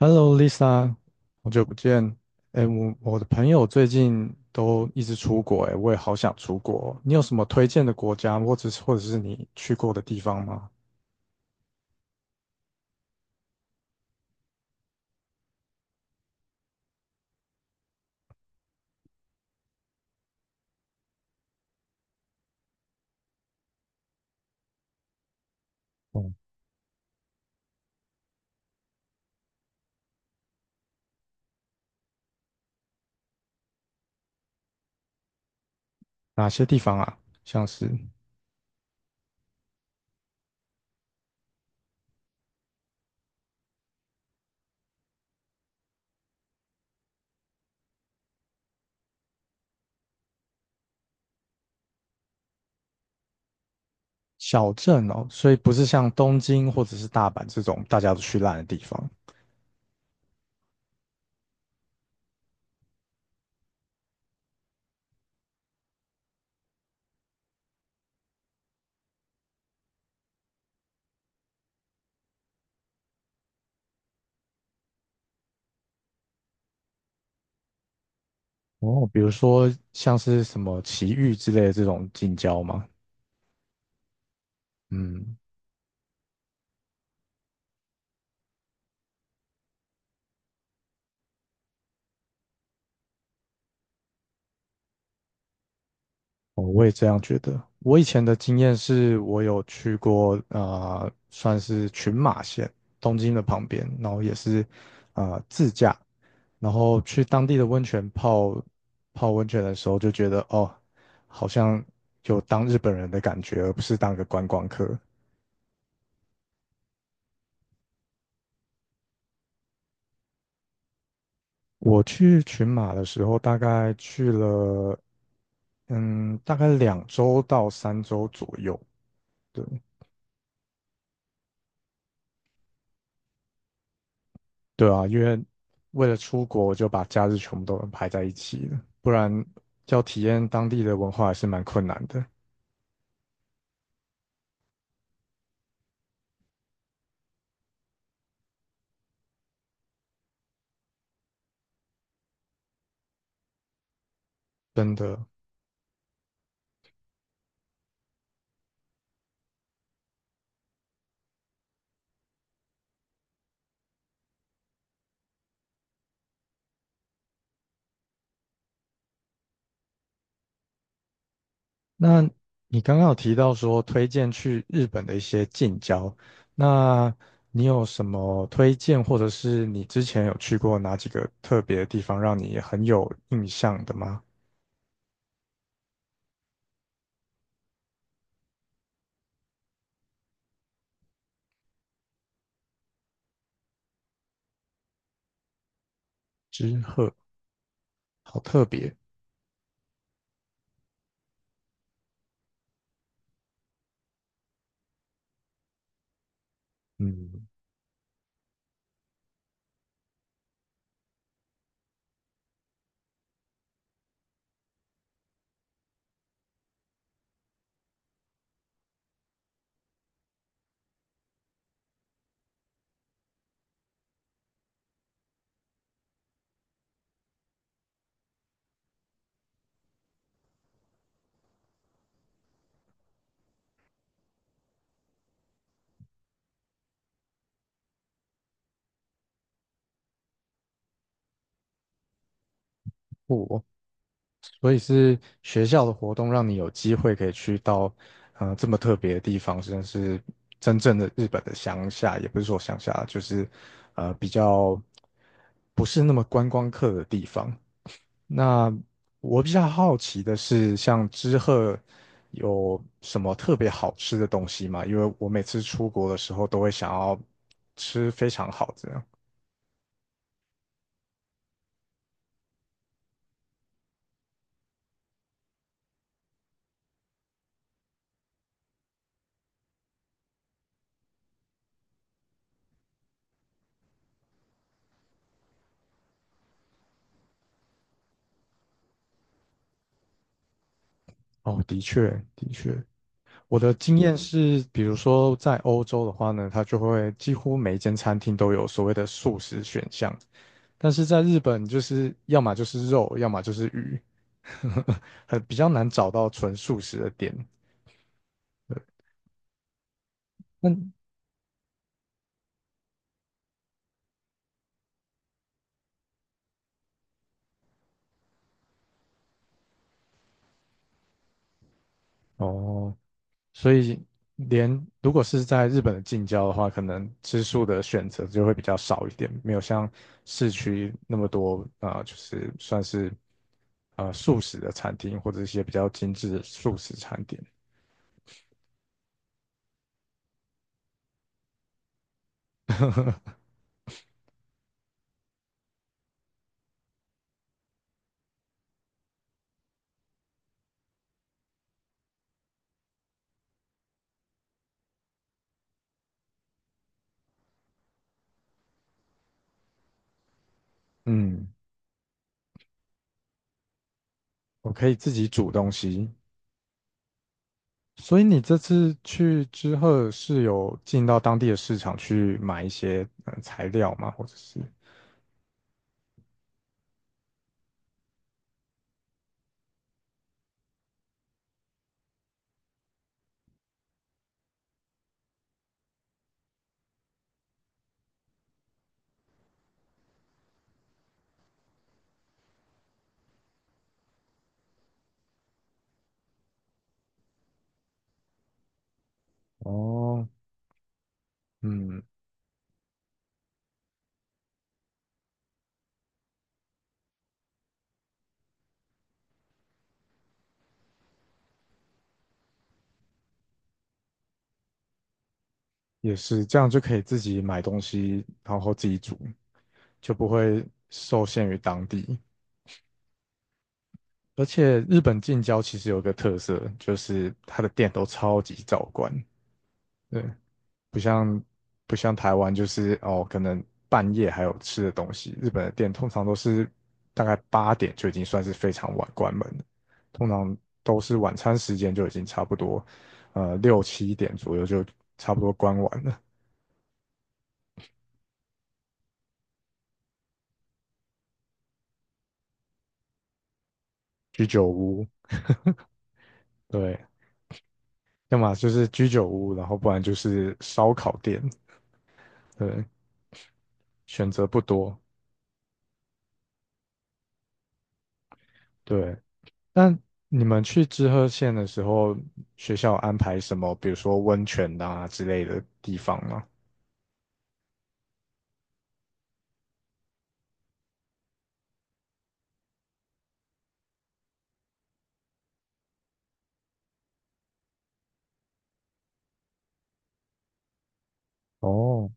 Hello Lisa，好久不见。哎，我的朋友最近都一直出国，哎，我也好想出国。你有什么推荐的国家，或者是你去过的地方吗？哦，哪些地方啊？像是小镇哦，所以不是像东京或者是大阪这种大家都去烂的地方。哦，比如说像是什么埼玉之类的这种近郊吗？嗯，哦，我也这样觉得。我以前的经验是我有去过啊，算是群马县东京的旁边，然后也是啊自驾，然后去当地的温泉泡温泉的时候，就觉得哦，好像有当日本人的感觉，而不是当个观光客。我去群马的时候，大概去了嗯，大概2周到3周左右。对。对啊，因为为了出国，我就把假日全部都安排在一起了，不然要体验当地的文化还是蛮困难的，真的。那你刚刚有提到说推荐去日本的一些近郊，那你有什么推荐，或者是你之前有去过哪几个特别的地方，让你很有印象的吗？知鹤，好特别，嗯。不。所以是学校的活动让你有机会可以去到，这么特别的地方，甚至是真正的日本的乡下，也不是说乡下，就是，比较不是那么观光客的地方。那我比较好奇的是，像知鹤有什么特别好吃的东西吗？因为我每次出国的时候都会想要吃非常好的。哦，的确，的确。我的经验是，比如说在欧洲的话呢，它就会几乎每一间餐厅都有所谓的素食选项，但是在日本就是要么就是肉，要么就是鱼，很比较难找到纯素食的店。那哦，所以连如果是在日本的近郊的话，可能吃素的选择就会比较少一点，没有像市区那么多啊、就是算是啊素食的餐厅或者一些比较精致的素食餐点。嗯，我可以自己煮东西。所以你这次去之后是有进到当地的市场去买一些材料吗？或者是哦，嗯，也是这样就可以自己买东西，然后自己煮，就不会受限于当地。而且日本近郊其实有个特色，就是它的店都超级早关。对，不像不像台湾，就是哦，可能半夜还有吃的东西。日本的店通常都是大概8点就已经算是非常晚关门了，通常都是晚餐时间就已经差不多，6、7点左右就差不多关完了。对，要么就是居酒屋，然后不然就是烧烤店。对，选择不多。对，那你们去知鹤县的时候，学校有安排什么，比如说温泉啊之类的地方吗？哦，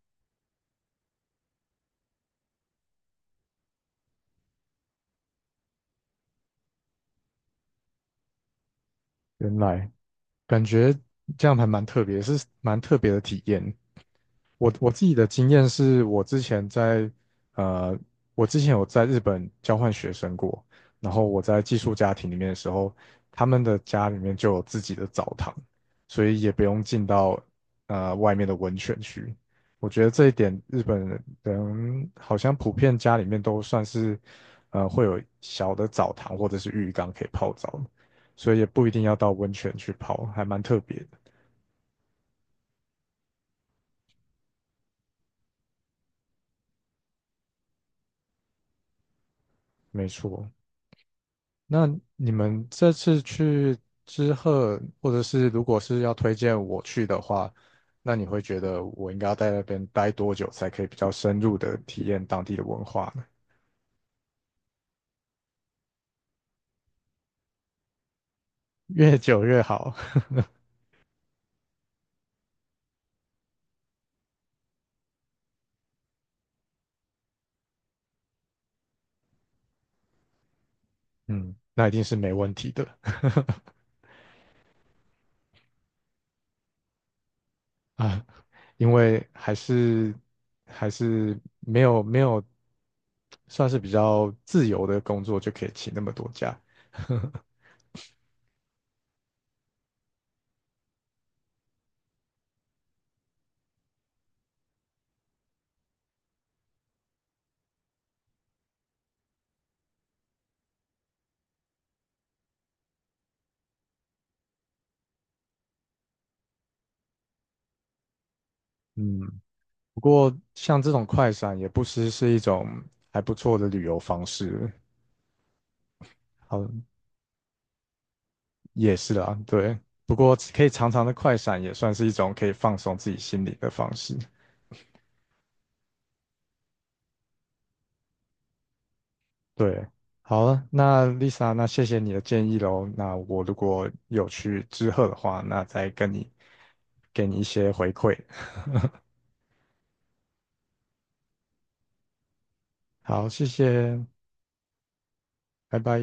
原来感觉这样还蛮特别，是蛮特别的体验。我自己的经验是我之前在呃，我之前有在日本交换学生过，然后我在寄宿家庭里面的时候，他们的家里面就有自己的澡堂，所以也不用进到外面的温泉区。我觉得这一点日本人好像普遍家里面都算是会有小的澡堂或者是浴缸可以泡澡。所以也不一定要到温泉去泡，还蛮特别的。没错，那你们这次去之后，或者是如果是要推荐我去的话，那你会觉得我应该要在那边待多久才可以比较深入的体验当地的文化呢？越久越好，嗯，那一定是没问题的 啊，因为还是没有算是比较自由的工作就可以请那么多假，嗯，不过像这种快闪也不失是一种还不错的旅游方式。好，也是啊，对。不过可以常常的快闪也算是一种可以放松自己心理的方式。对，好了，那 Lisa，那谢谢你的建议喽。那我如果有去之鹤的话，那再跟你给你一些回馈。好，谢谢，拜拜。